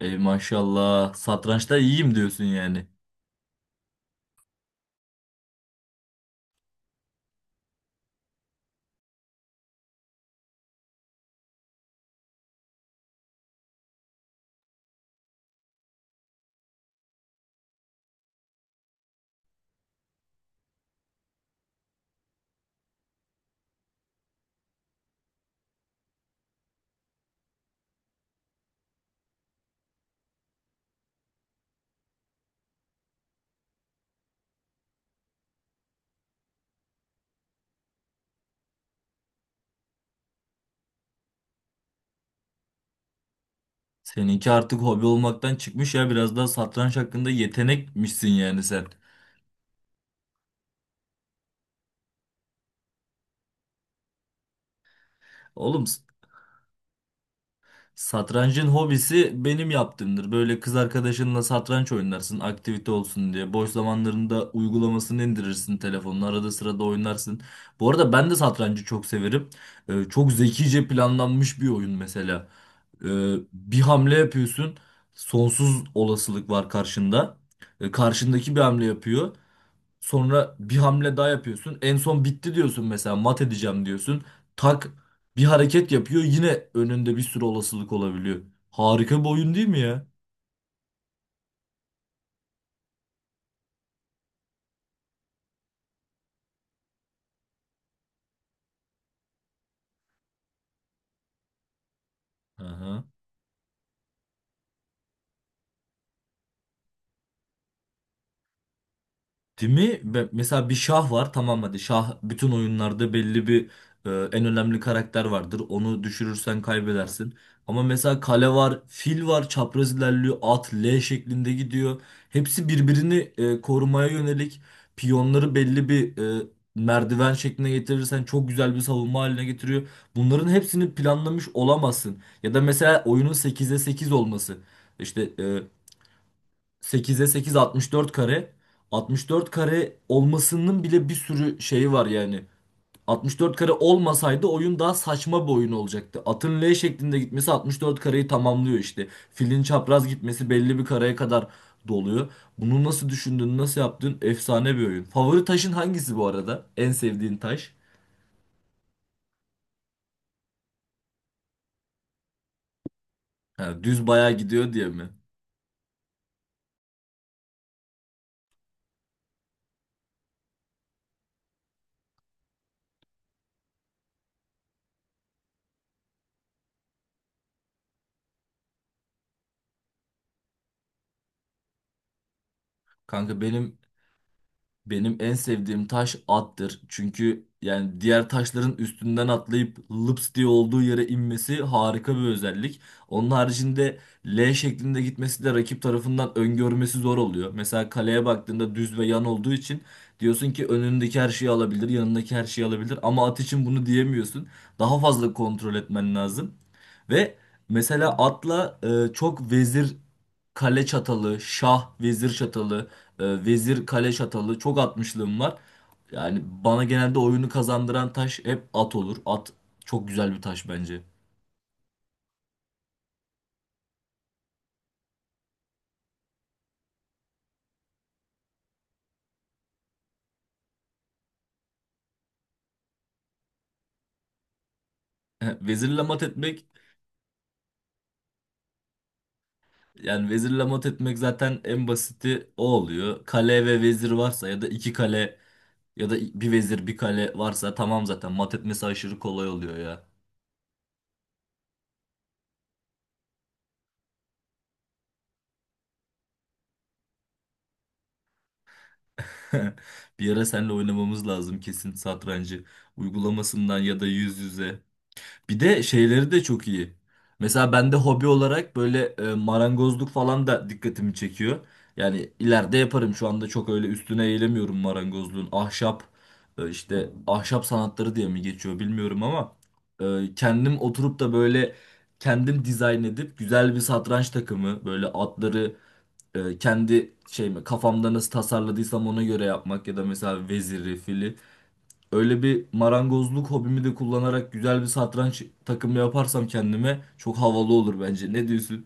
Ey maşallah. Satrançta iyiyim diyorsun yani. Seninki artık hobi olmaktan çıkmış ya. Biraz daha satranç hakkında yetenekmişsin yani sen. Oğlum satrancın hobisi benim yaptığımdır. Böyle kız arkadaşınla satranç oynarsın aktivite olsun diye. Boş zamanlarında uygulamasını indirirsin telefonuna. Arada sırada oynarsın. Bu arada ben de satrancı çok severim. Çok zekice planlanmış bir oyun mesela. Bir hamle yapıyorsun. Sonsuz olasılık var karşında. Karşındaki bir hamle yapıyor. Sonra bir hamle daha yapıyorsun. En son bitti diyorsun mesela mat edeceğim diyorsun. Tak bir hareket yapıyor. Yine önünde bir sürü olasılık olabiliyor. Harika bir oyun değil mi ya? Aha. Değil mi? Ve mesela bir şah var, tamam, hadi şah bütün oyunlarda belli bir en önemli karakter vardır. Onu düşürürsen kaybedersin. Ama mesela kale var, fil var, çapraz ilerliyor, at L şeklinde gidiyor. Hepsi birbirini korumaya yönelik, piyonları belli bir e, merdiven şekline getirirsen çok güzel bir savunma haline getiriyor. Bunların hepsini planlamış olamazsın. Ya da mesela oyunun 8'e 8 olması. İşte 8'e 8 64 kare. 64 kare olmasının bile bir sürü şeyi var yani. 64 kare olmasaydı oyun daha saçma bir oyun olacaktı. Atın L şeklinde gitmesi 64 kareyi tamamlıyor işte. Filin çapraz gitmesi belli bir kareye kadar doluyor. Bunu nasıl düşündün, nasıl yaptın? Efsane bir oyun. Favori taşın hangisi bu arada? En sevdiğin taş? Ha, düz bayağı gidiyor diye mi? Kanka benim en sevdiğim taş attır. Çünkü yani diğer taşların üstünden atlayıp lıps diye olduğu yere inmesi harika bir özellik. Onun haricinde L şeklinde gitmesi de rakip tarafından öngörmesi zor oluyor. Mesela kaleye baktığında düz ve yan olduğu için diyorsun ki önündeki her şeyi alabilir, yanındaki her şeyi alabilir ama at için bunu diyemiyorsun. Daha fazla kontrol etmen lazım. Ve mesela atla çok vezir kale çatalı, şah vezir çatalı, vezir kale çatalı çok atmışlığım var. Yani bana genelde oyunu kazandıran taş hep at olur. At çok güzel bir taş bence. Vezirle mat etmek Yani vezirle mat etmek zaten en basiti o oluyor. Kale ve vezir varsa ya da iki kale ya da bir vezir bir kale varsa tamam zaten mat etmesi aşırı kolay oluyor ya. Bir ara seninle oynamamız lazım kesin satrancı. Uygulamasından ya da yüz yüze. Bir de şeyleri de çok iyi. Mesela bende hobi olarak böyle marangozluk falan da dikkatimi çekiyor. Yani ileride yaparım. Şu anda çok öyle üstüne eğilemiyorum marangozluğun. Ahşap işte ahşap sanatları diye mi geçiyor bilmiyorum ama kendim oturup da böyle kendim dizayn edip güzel bir satranç takımı, böyle atları kendi şeyimi kafamda nasıl tasarladıysam ona göre yapmak ya da mesela veziri, fili. Öyle bir marangozluk hobimi de kullanarak güzel bir satranç takımı yaparsam kendime çok havalı olur bence. Ne diyorsun?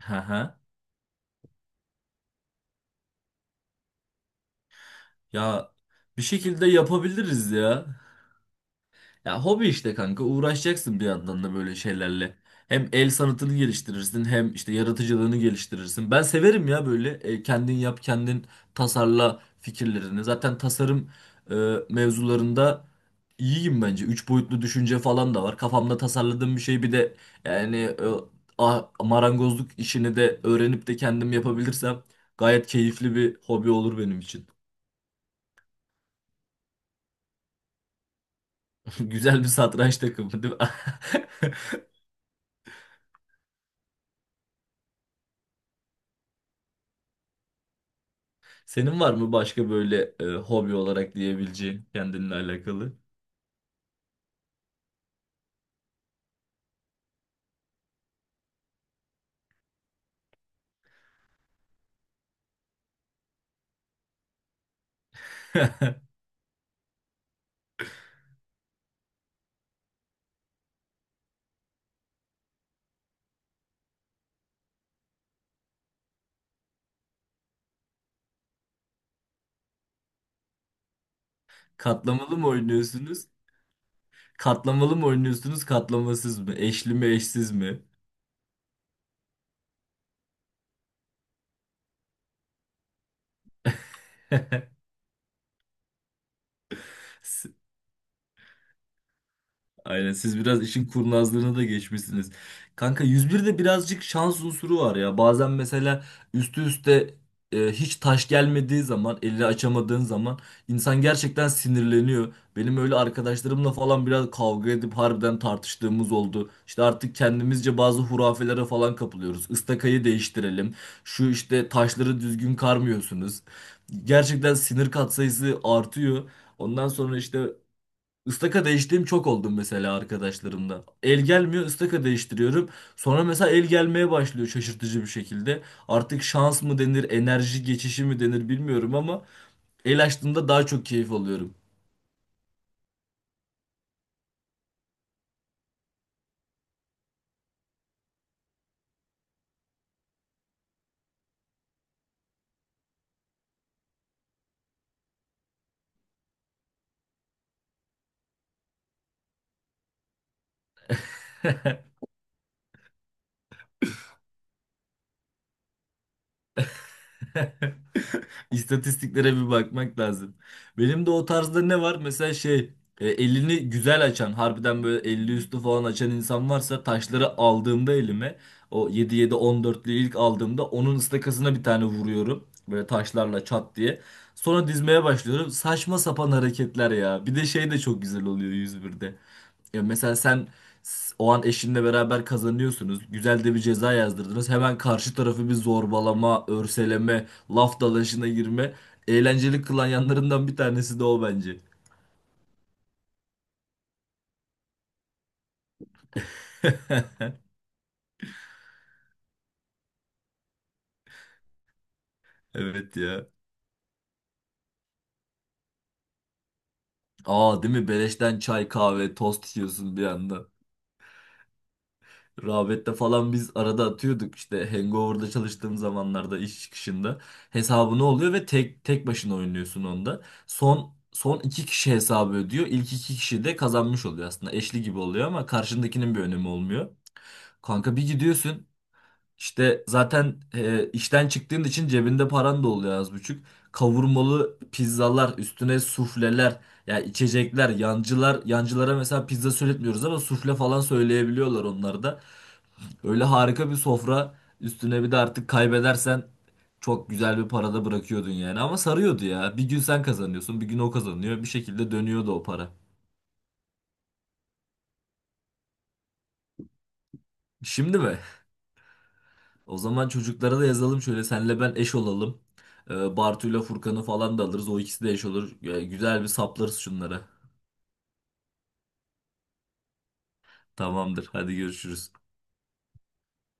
Hı hı. Ya bir şekilde yapabiliriz ya. Ya hobi işte kanka, uğraşacaksın bir yandan da böyle şeylerle. Hem el sanatını geliştirirsin hem işte yaratıcılığını geliştirirsin. Ben severim ya böyle kendin yap, kendin tasarla fikirlerini. Zaten tasarım e, mevzularında iyiyim bence. Üç boyutlu düşünce falan da var. Kafamda tasarladığım bir şey, bir de yani marangozluk işini de öğrenip de kendim yapabilirsem gayet keyifli bir hobi olur benim için. Güzel bir satranç takımı değil mi? Senin var mı başka böyle hobi olarak diyebileceğin kendinle alakalı? Katlamalı mı oynuyorsunuz? Katlamalı mı oynuyorsunuz? Katlamasız mı? Eşli mi, eşsiz mi? Aynen, siz biraz işin kurnazlığına da geçmişsiniz. Kanka 101'de birazcık şans unsuru var ya. Bazen mesela üstü üste hiç taş gelmediği zaman, elini açamadığın zaman insan gerçekten sinirleniyor. Benim öyle arkadaşlarımla falan biraz kavga edip harbiden tartıştığımız oldu. İşte artık kendimizce bazı hurafelere falan kapılıyoruz. Istakayı değiştirelim. Şu işte taşları düzgün karmıyorsunuz. Gerçekten sinir katsayısı artıyor. Ondan sonra işte Istaka değiştiğim çok oldum mesela arkadaşlarımda. El gelmiyor, ıstaka değiştiriyorum. Sonra mesela el gelmeye başlıyor şaşırtıcı bir şekilde. Artık şans mı denir, enerji geçişi mi denir bilmiyorum ama el açtığımda daha çok keyif alıyorum. İstatistiklere bir bakmak lazım. Benim de o tarzda ne var? Mesela elini güzel açan, harbiden böyle 50 üstü falan açan insan varsa, taşları aldığımda elime o yedi yedi on 14'lü ilk aldığımda onun ıstakasına bir tane vuruyorum. Böyle taşlarla çat diye. Sonra dizmeye başlıyorum. Saçma sapan hareketler ya. Bir de şey de çok güzel oluyor 101'de. Ya mesela sen o an eşinle beraber kazanıyorsunuz. Güzel de bir ceza yazdırdınız. Hemen karşı tarafı bir zorbalama, örseleme, laf dalaşına girme. Eğlenceli kılan yanlarından bir tanesi de o bence. Evet ya. Aa, değil mi? Beleşten çay, kahve, tost yiyorsun bir anda. Rağbette falan biz arada atıyorduk, işte Hangover'da çalıştığım zamanlarda iş çıkışında hesabını oluyor ve tek tek başına oynuyorsun onda. Son iki kişi hesabı ödüyor. İlk iki kişi de kazanmış oluyor aslında. Eşli gibi oluyor ama karşındakinin bir önemi olmuyor. Kanka bir gidiyorsun, işte zaten işten çıktığın için cebinde paran da oluyor az buçuk. Kavurmalı pizzalar üstüne sufleler ya, içecekler, yancılar. Yancılara mesela pizza söyletmiyoruz ama sufle falan söyleyebiliyorlar onlar da. Böyle harika bir sofra, üstüne bir de artık kaybedersen çok güzel bir parada bırakıyordun yani. Ama sarıyordu ya. Bir gün sen kazanıyorsun, bir gün o kazanıyor. Bir şekilde dönüyordu o para. Şimdi mi? O zaman çocuklara da yazalım, şöyle senle ben eş olalım. Bartu'yla Furkan'ı falan da alırız. O ikisi de eş olur. Güzel bir saplarız şunlara. Tamamdır. Hadi görüşürüz.